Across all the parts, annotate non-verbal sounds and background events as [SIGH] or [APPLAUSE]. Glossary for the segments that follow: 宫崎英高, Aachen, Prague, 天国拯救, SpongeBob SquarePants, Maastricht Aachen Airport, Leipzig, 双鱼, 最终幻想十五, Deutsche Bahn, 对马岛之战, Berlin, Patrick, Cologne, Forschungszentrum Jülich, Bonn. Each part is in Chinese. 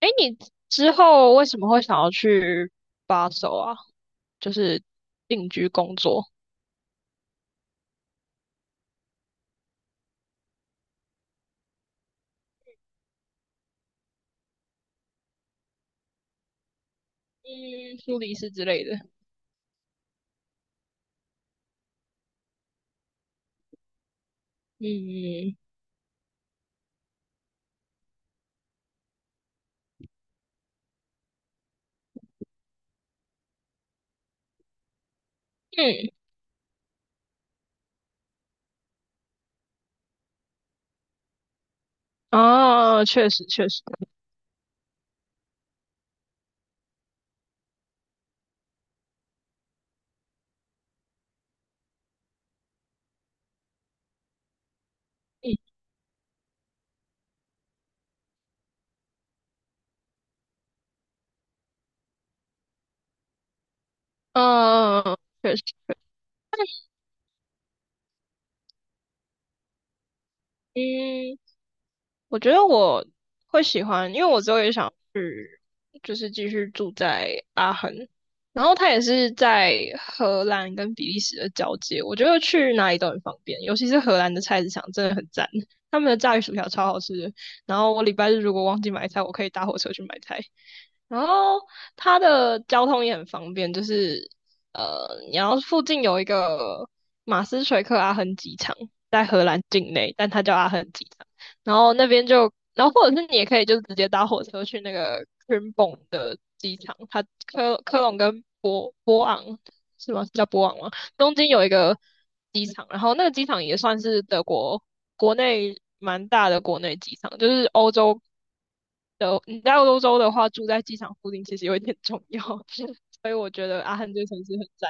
哎，你之后为什么会想要去巴首啊？就是定居工作。嗯，苏黎世之类的。嗯嗯。啊，确实确实。嗯嗯，确实。嗯，我觉得我会喜欢，因为我之后也想去，就是继续住在阿恒。然后他也是在荷兰跟比利时的交界，我觉得去哪里都很方便，尤其是荷兰的菜市场真的很赞，他们的炸鱼薯条超好吃的。然后我礼拜日如果忘记买菜，我可以搭火车去买菜。然后它的交通也很方便，就是你要附近有一个马斯垂克阿亨机场，在荷兰境内，但它叫阿亨机场。然后那边就，然后或者是你也可以就直接搭火车去那个 c r i m b o n 的机场，它科科隆跟博博昂是吗？是叫博昂吗？东京有一个机场，然后那个机场也算是德国国内蛮大的国内机场，就是欧洲的，你在欧洲的话，住在机场附近其实有一点重要。[LAUGHS] 所以我觉得阿汉这个城市很赞。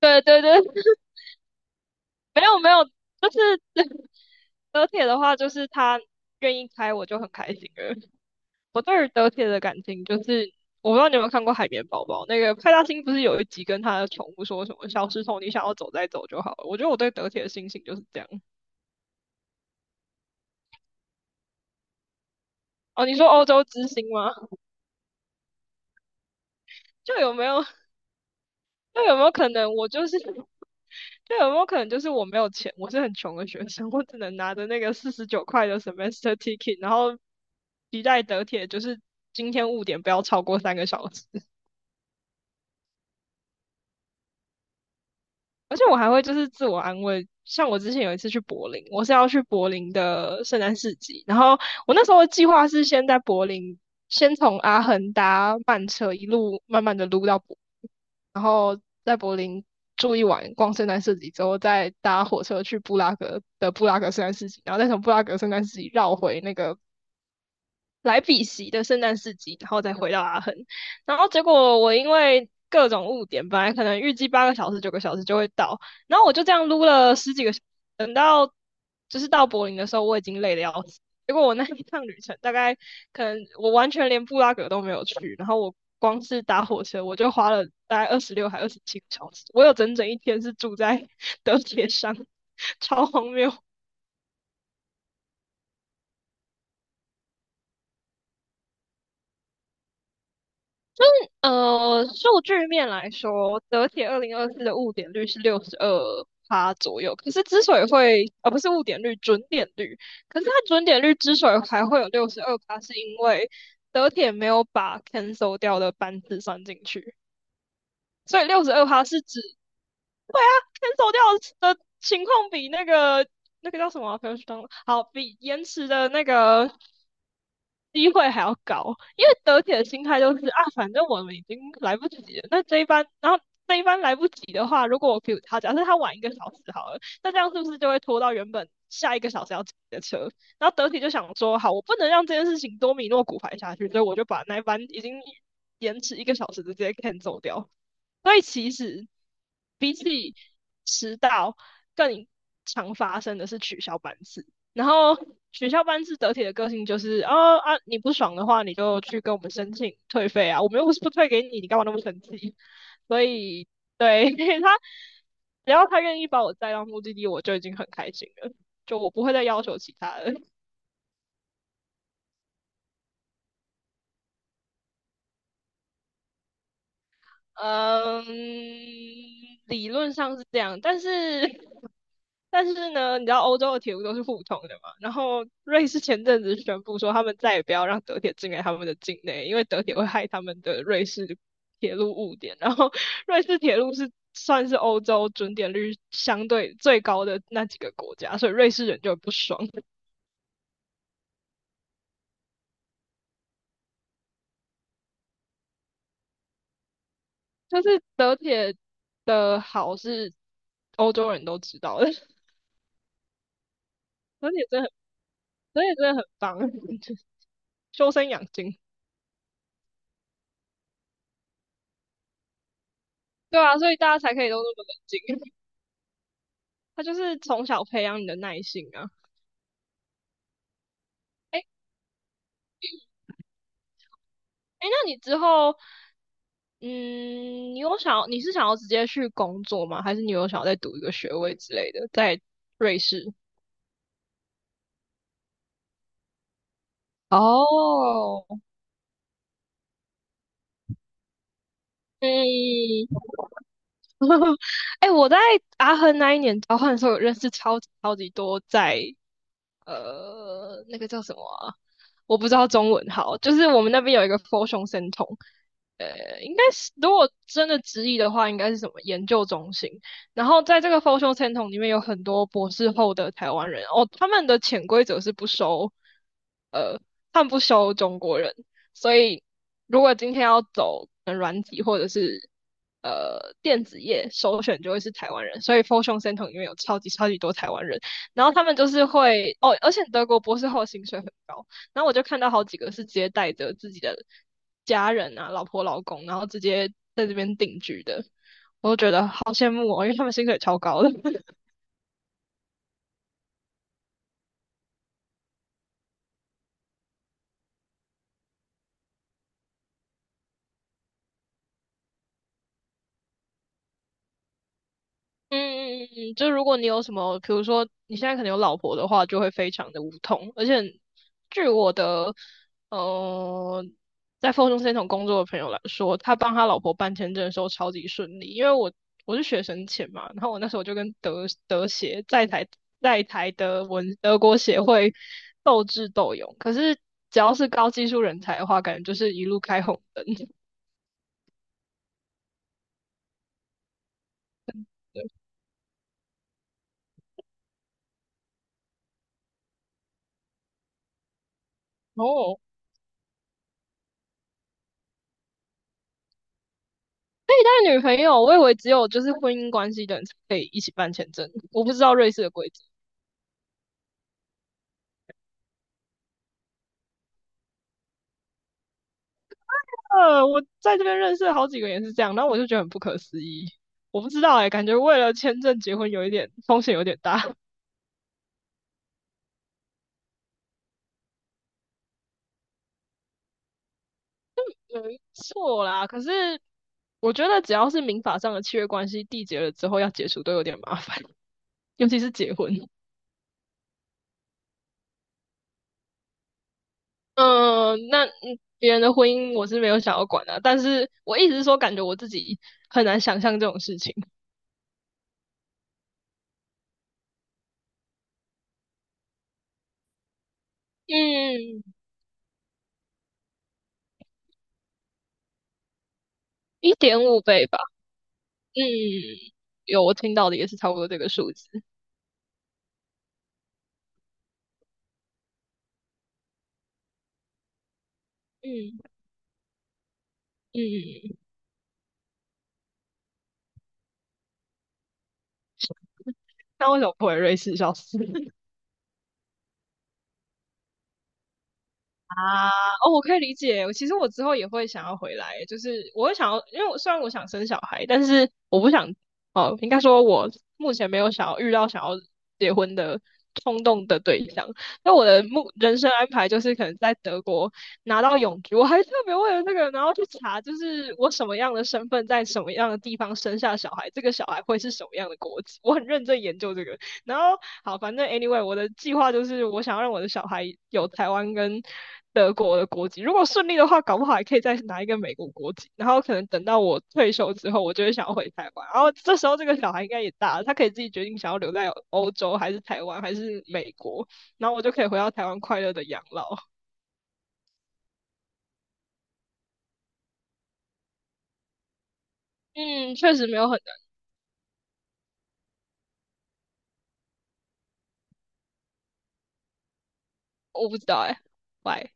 对对对。[LAUGHS] 没有没有，就是 [LAUGHS] 德铁的话，就是他愿意开，我就很开心了。我对于德铁的感情就是，我不知道你有没有看过《海绵宝宝》，那个派大星不是有一集跟他的宠物说什么"小石头，你想要走再走就好了"。我觉得我对德铁的心情就是这样。哦，你说欧洲之星吗？就有没有那有没有可能我就是，那有没有可能就是我没有钱，我是很穷的学生，我只能拿着那个49块的 semester ticket,然后期待得铁，就是今天误点不要超过3个小时。而且我还会就是自我安慰，像我之前有一次去柏林，我是要去柏林的圣诞市集，然后我那时候的计划是先在柏林，先从阿亨搭慢车一路慢慢的撸到。在柏林住一晚，逛圣诞市集之后，再搭火车去布拉格的布拉格圣诞市集，然后再从布拉格圣诞市集绕回那个来比锡的圣诞市集，然后再回到阿亨。然后结果我因为各种误点，本来可能预计8个小时、9个小时就会到，然后我就这样撸了十几个小时，等到就是到柏林的时候，我已经累得要死。结果我那一趟旅程，大概可能我完全连布拉格都没有去，然后我光是搭火车，我就花了大概26还27个小时，我有整整一天是住在德铁上。[LAUGHS] 超荒谬。数据面来说，德铁2024的误点率是六十二趴左右。可是之所以会，不是误点率，准点率。可是它准点率之所以还会有六十二趴，是因为德铁没有把 cancel 掉的班次算进去，所以六十二趴是指，对啊，cancel 掉的情况比那个那个叫什么啊不要去当好，比延迟的那个。机会还要高，因为德铁的心态就是啊，反正我们已经来不及了，那这一班，然后这一班来不及的话，如果我比如他，假设他晚一个小时好了，那这样是不是就会拖到原本下一个小时要挤的车？然后德铁就想说，好，我不能让这件事情多米诺骨牌下去，所以我就把那一班已经延迟一个小时的直接 cancel 掉。所以其实比起迟到，更常发生的是取消班次。然后取消班次得体的个性就是，哦啊，你不爽的话，你就去跟我们申请退费啊，我们又不是不退给你，你干嘛那么生气？所以，对，[LAUGHS] 他，只要他愿意把我载到目的地，我就已经很开心了。就我不会再要求其他的。嗯，理论上是这样，但是呢，你知道欧洲的铁路都是互通的嘛？然后瑞士前阵子宣布说，他们再也不要让德铁进来他们的境内，因为德铁会害他们的瑞士铁路误点。然后瑞士铁路是算是欧洲准点率相对最高的那几个国家，所以瑞士人就很不爽。就是德铁的好是欧洲人都知道的，德铁真的很，德铁真的很棒。[LAUGHS] 修身养精。对啊，所以大家才可以都那么冷静。[LAUGHS] 他就是从小培养你的耐性啊。哎欸哎，欸那你之后，嗯，你是想要直接去工作吗？还是你有想要再读一个学位之类的，在瑞士？哦。嗯。哎 [LAUGHS] 欸我在阿亨那一年交换的时候，有认识超级超级多在那个叫什么啊我不知道中文好，就是我们那边有一个 f o r 胸生酮，应该是如果真的直译的话，应该是什么研究中心。然后在这个 f o r 胸生酮里面有很多博士后的台湾人哦，他们的潜规则是不收，呃，他们不收中国人，所以如果今天要走软体或者是电子业，首选就会是台湾人，所以 f o r 胸生酮里面有超级超级多台湾人。然后他们就是会哦，而且德国博士后薪水很高，然后我就看到好几个是直接带着自己的家人啊、老婆、老公，然后直接在这边定居的，我就觉得好羡慕哦，因为他们薪水超高的。嗯嗯嗯嗯，就如果你有什么，比如说你现在可能有老婆的话，就会非常的无痛。而且据我的呃，在 f o r t u 工作的朋友来说，他帮他老婆办签证的时候超级顺利，因为我是学生签嘛，然后我那时候就跟德协在台德文德国协会斗智斗勇，可是只要是高技术人才的话，感觉就是一路开红灯。[LAUGHS] 哦，女朋友，我以为只有就是婚姻关系的人才可以一起办签证，我不知道瑞士的规则。我在这边认识了好几个也是这样，然后我就觉得很不可思议。我不知道哎、欸感觉为了签证结婚有一点风险有点大。[LAUGHS] 错啦。可是我觉得只要是民法上的契约关系缔结了之后要解除都有点麻烦，[LAUGHS] 尤其是结婚。[LAUGHS] 嗯，呃那嗯别人的婚姻我是没有想要管的、啊但是我一直说感觉我自己很难想象这种事情。嗯，1.5倍吧。嗯，有我听到的也是差不多这个数字。嗯嗯。那为什么不回瑞士？笑死！啊。哦，我可以理解。我其实我之后也会想要回来，就是我会想要，因为虽然我想生小孩，但是我不想，哦，应该说我目前没有想要遇到想要结婚的冲动的对象。那我的目人生安排就是可能在德国拿到永居，我还特别为了这个，然后去查，就是我什么样的身份在什么样的地方生下小孩，这个小孩会是什么样的国籍，我很认真研究这个。然后好，反正 anyway,我的计划就是我想要让我的小孩有台湾跟德国的国籍。如果顺利的话，搞不好还可以再拿一个美国国籍。然后可能等到我退休之后，我就会想要回台湾。然后这时候这个小孩应该也大了，他可以自己决定想要留在欧洲还是台湾还是美国。然后我就可以回到台湾快乐的养老。嗯，确实没有很难。我不知道哎、欸喂。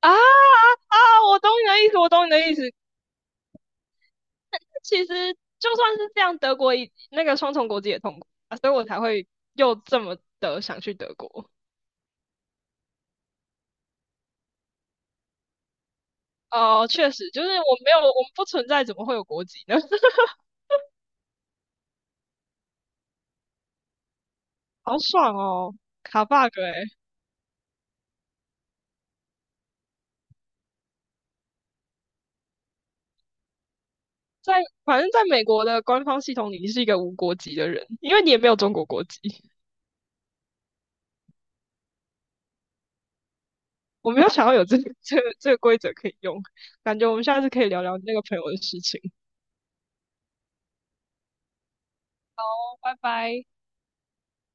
啊啊啊，我懂你的意思，我懂你的意思。其实就算是这样，德国也那个双重国籍也痛苦啊，所以我才会又这么的想去德国。哦，确实，就是我没有，我们不存在，怎么会有国籍呢？[LAUGHS] 好爽哦，卡 bug 哎。在反正在美国的官方系统里，你是一个无国籍的人，因为你也没有中国国籍。我没有想要有这个规则可以用，感觉我们下次可以聊聊那个朋友的事情。拜拜。